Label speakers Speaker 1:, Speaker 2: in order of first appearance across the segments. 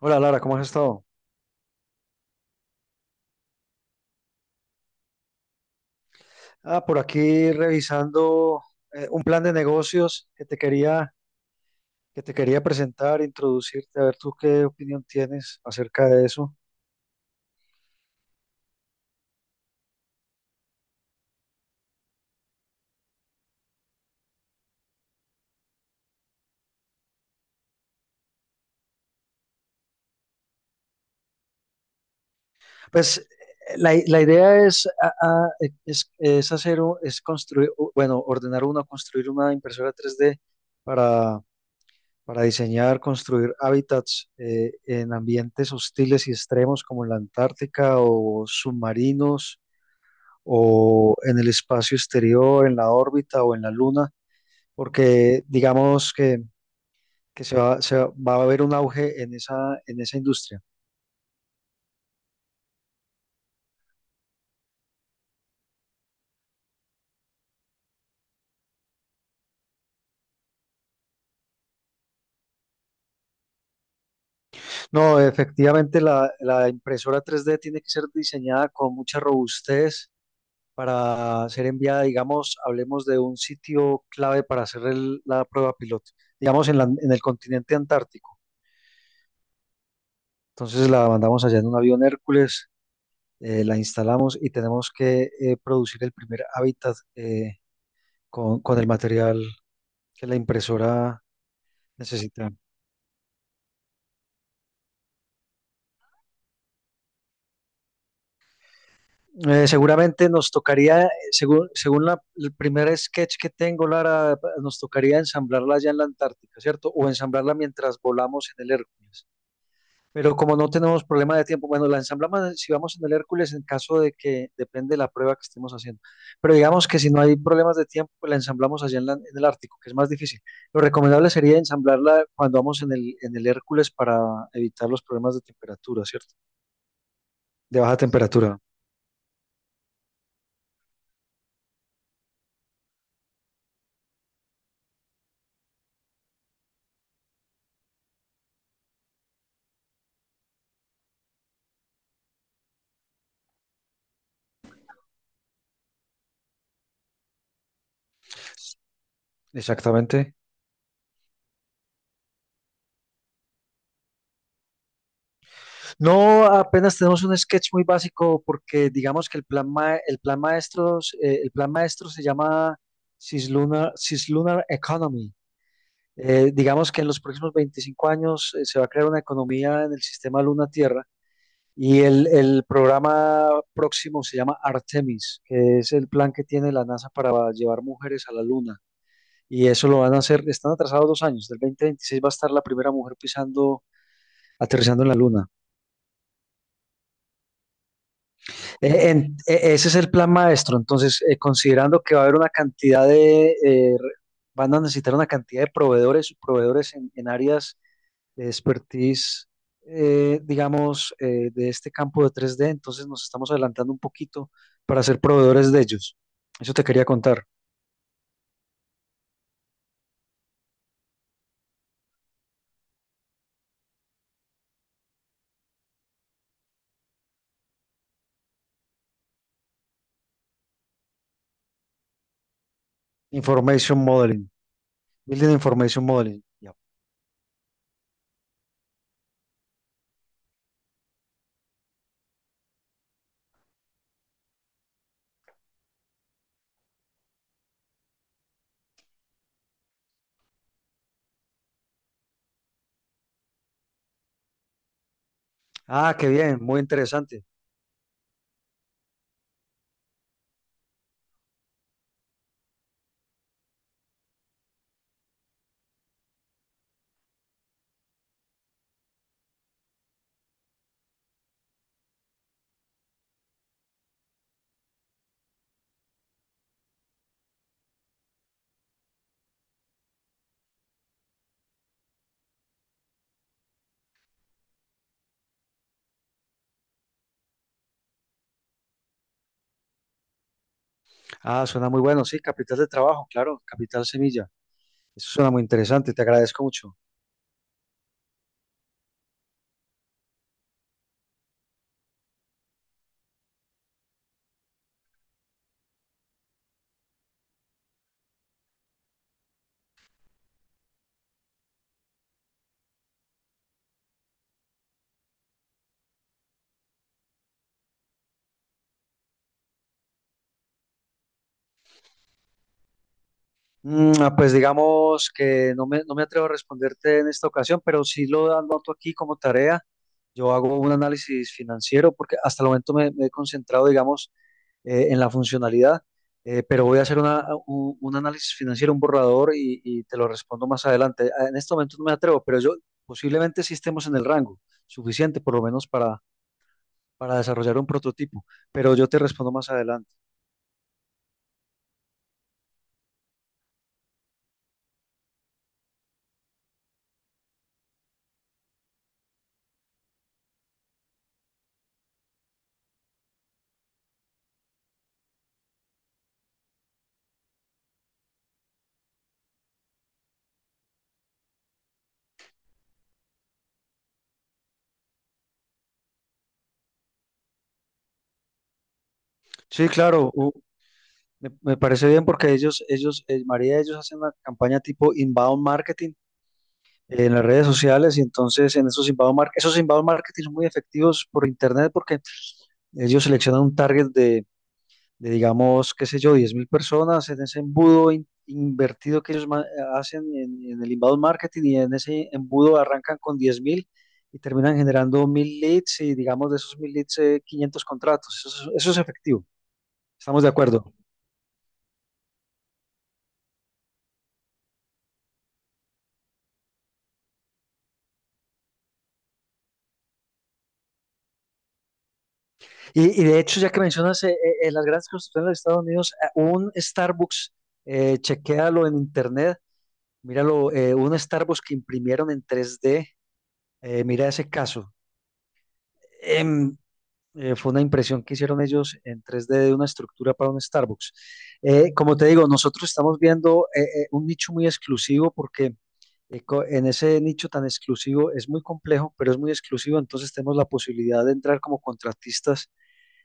Speaker 1: Hola Lara, ¿cómo has estado? Ah, por aquí revisando un plan de negocios que te quería presentar, introducirte, a ver tú qué opinión tienes acerca de eso. Pues la idea es, es hacer, es construir, construir una impresora 3D para, para diseñar, construir hábitats en ambientes hostiles y extremos como la Antártica o submarinos o en el espacio exterior, en la órbita o en la luna, porque digamos que se se va a haber un auge en en esa industria. No, efectivamente la impresora 3D tiene que ser diseñada con mucha robustez para ser enviada, digamos, hablemos de un sitio clave para hacer la prueba piloto, digamos en el continente antártico. Entonces la mandamos allá en un avión Hércules, la instalamos y tenemos que producir el primer hábitat. Con el material que la impresora necesita. Seguramente nos tocaría, según el primer sketch que tengo, Lara, nos tocaría ensamblarla allá en la Antártica, ¿cierto? O ensamblarla mientras volamos en el Hércules. Pero como no tenemos problema de tiempo, bueno, la ensamblamos si vamos en el Hércules en caso de que depende de la prueba que estemos haciendo. Pero digamos que si no hay problemas de tiempo, pues la ensamblamos allá en el Ártico, que es más difícil. Lo recomendable sería ensamblarla cuando vamos en en el Hércules para evitar los problemas de temperatura, ¿cierto? De baja temperatura, exactamente. No, apenas tenemos un sketch muy básico porque digamos que el plan maestro se llama Cislunar, Cislunar Economy. Digamos que en los próximos 25 años se va a crear una economía en el sistema Luna-Tierra y el programa próximo se llama Artemis, que es el plan que tiene la NASA para llevar mujeres a la Luna. Y eso lo van a hacer, están atrasados 2 años, del 2026 va a estar la primera mujer pisando, aterrizando en la Luna. Ese es el plan maestro, entonces considerando que va a haber una cantidad de, van a necesitar una cantidad de proveedores, proveedores en áreas de expertise, de este campo de 3D, entonces nos estamos adelantando un poquito para ser proveedores de ellos. Eso te quería contar. Information Modeling, Building Information Modeling. Ya. Ah, qué bien, muy interesante. Ah, suena muy bueno, sí, capital de trabajo, claro, capital semilla. Eso suena muy interesante, te agradezco mucho. Mm, ah, pues digamos que no no me atrevo a responderte en esta ocasión, pero sí lo anoto aquí como tarea. Yo hago un análisis financiero porque hasta el momento me he concentrado, digamos, en la funcionalidad, pero voy a hacer un análisis financiero, un borrador y te lo respondo más adelante. Ah, en este momento no me atrevo, pero yo posiblemente sí estemos en el rango suficiente, por lo menos para desarrollar un prototipo, pero yo te respondo más adelante. Sí, claro, me, me parece bien porque ellos, María, ellos hacen una campaña tipo inbound marketing en las redes sociales y entonces en esos esos inbound marketing son muy efectivos por internet porque ellos seleccionan un target de, digamos, qué sé yo, 10.000 personas en ese invertido que hacen en el inbound marketing y en ese embudo arrancan con 10.000 y terminan generando 1000 leads y digamos de esos 1000 leads 500 contratos. Eso es efectivo. Estamos de acuerdo. Y de hecho, ya que mencionas las grandes construcciones de los Estados Unidos, un Starbucks, chequéalo en internet, míralo, un Starbucks que imprimieron en 3D, mira ese caso. Em, Fue una impresión que hicieron ellos en 3D de una estructura para un Starbucks. Como te digo, nosotros estamos viendo un nicho muy exclusivo porque en ese nicho tan exclusivo es muy complejo, pero es muy exclusivo, entonces tenemos la posibilidad de entrar como contratistas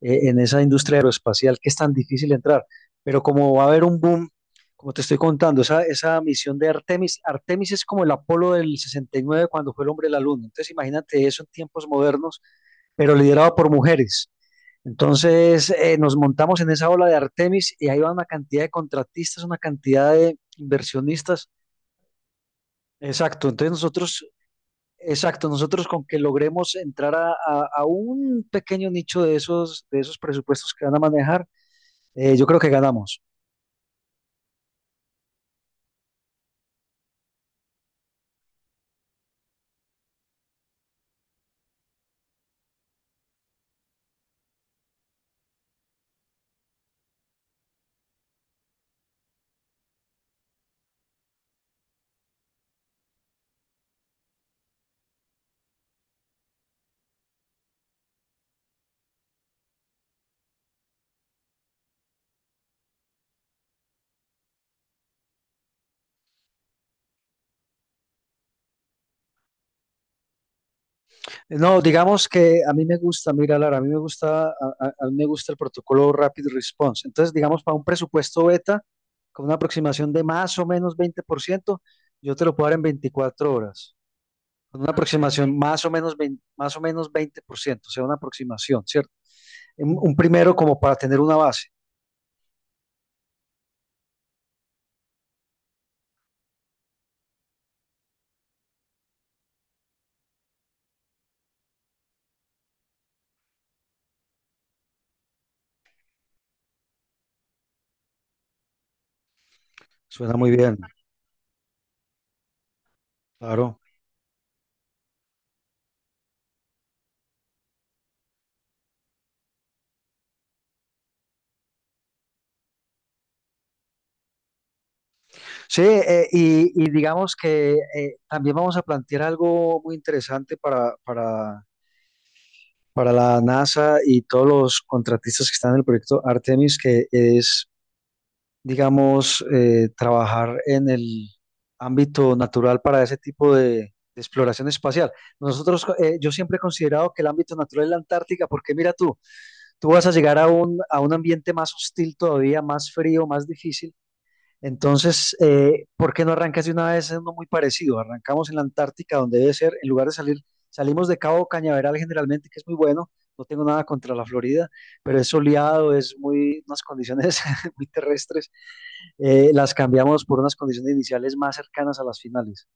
Speaker 1: en esa industria aeroespacial que es tan difícil entrar. Pero como va a haber un boom, como te estoy contando, esa misión de Artemis, Artemis es como el Apolo del 69 cuando fue el hombre a la luna. Entonces imagínate eso en tiempos modernos, pero liderado por mujeres. Entonces nos montamos en esa ola de Artemis y ahí va una cantidad de contratistas, una cantidad de inversionistas. Exacto, entonces nosotros, exacto, nosotros con que logremos entrar a un pequeño nicho de esos presupuestos que van a manejar, yo creo que ganamos. No, digamos que a mí me gusta, mira, Lara, a mí me gusta, a mí me gusta el protocolo Rapid Response. Entonces, digamos, para un presupuesto beta, con una aproximación de más o menos 20% yo te lo puedo dar en 24 horas. Con una aproximación, ok, más o menos veinte, más o menos 20%, o sea, una aproximación, ¿cierto? Un primero como para tener una base. Suena muy bien, claro. Sí, y digamos que también vamos a plantear algo muy interesante para la NASA y todos los contratistas que están en el proyecto Artemis, que es, digamos, trabajar en el ámbito natural para ese tipo de exploración espacial. Nosotros, yo siempre he considerado que el ámbito natural es la Antártica, porque mira tú, tú vas a llegar a a un ambiente más hostil todavía, más frío, más difícil, entonces, ¿por qué no arrancas de una vez en uno muy parecido? Arrancamos en la Antártica, donde debe ser. En lugar de salir, salimos de Cabo Cañaveral generalmente, que es muy bueno, no tengo nada contra la Florida, pero es soleado, es muy, unas condiciones muy terrestres, las cambiamos por unas condiciones iniciales más cercanas a las finales.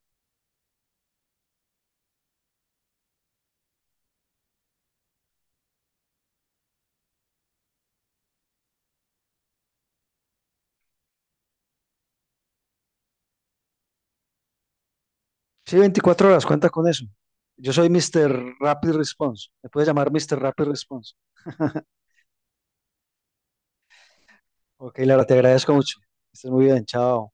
Speaker 1: Sí, 24 horas, cuenta con eso. Yo soy Mr. Rapid Response, me puedes llamar Mr. Rapid Response. Ok, Lara, te agradezco mucho. Estás muy bien, chao.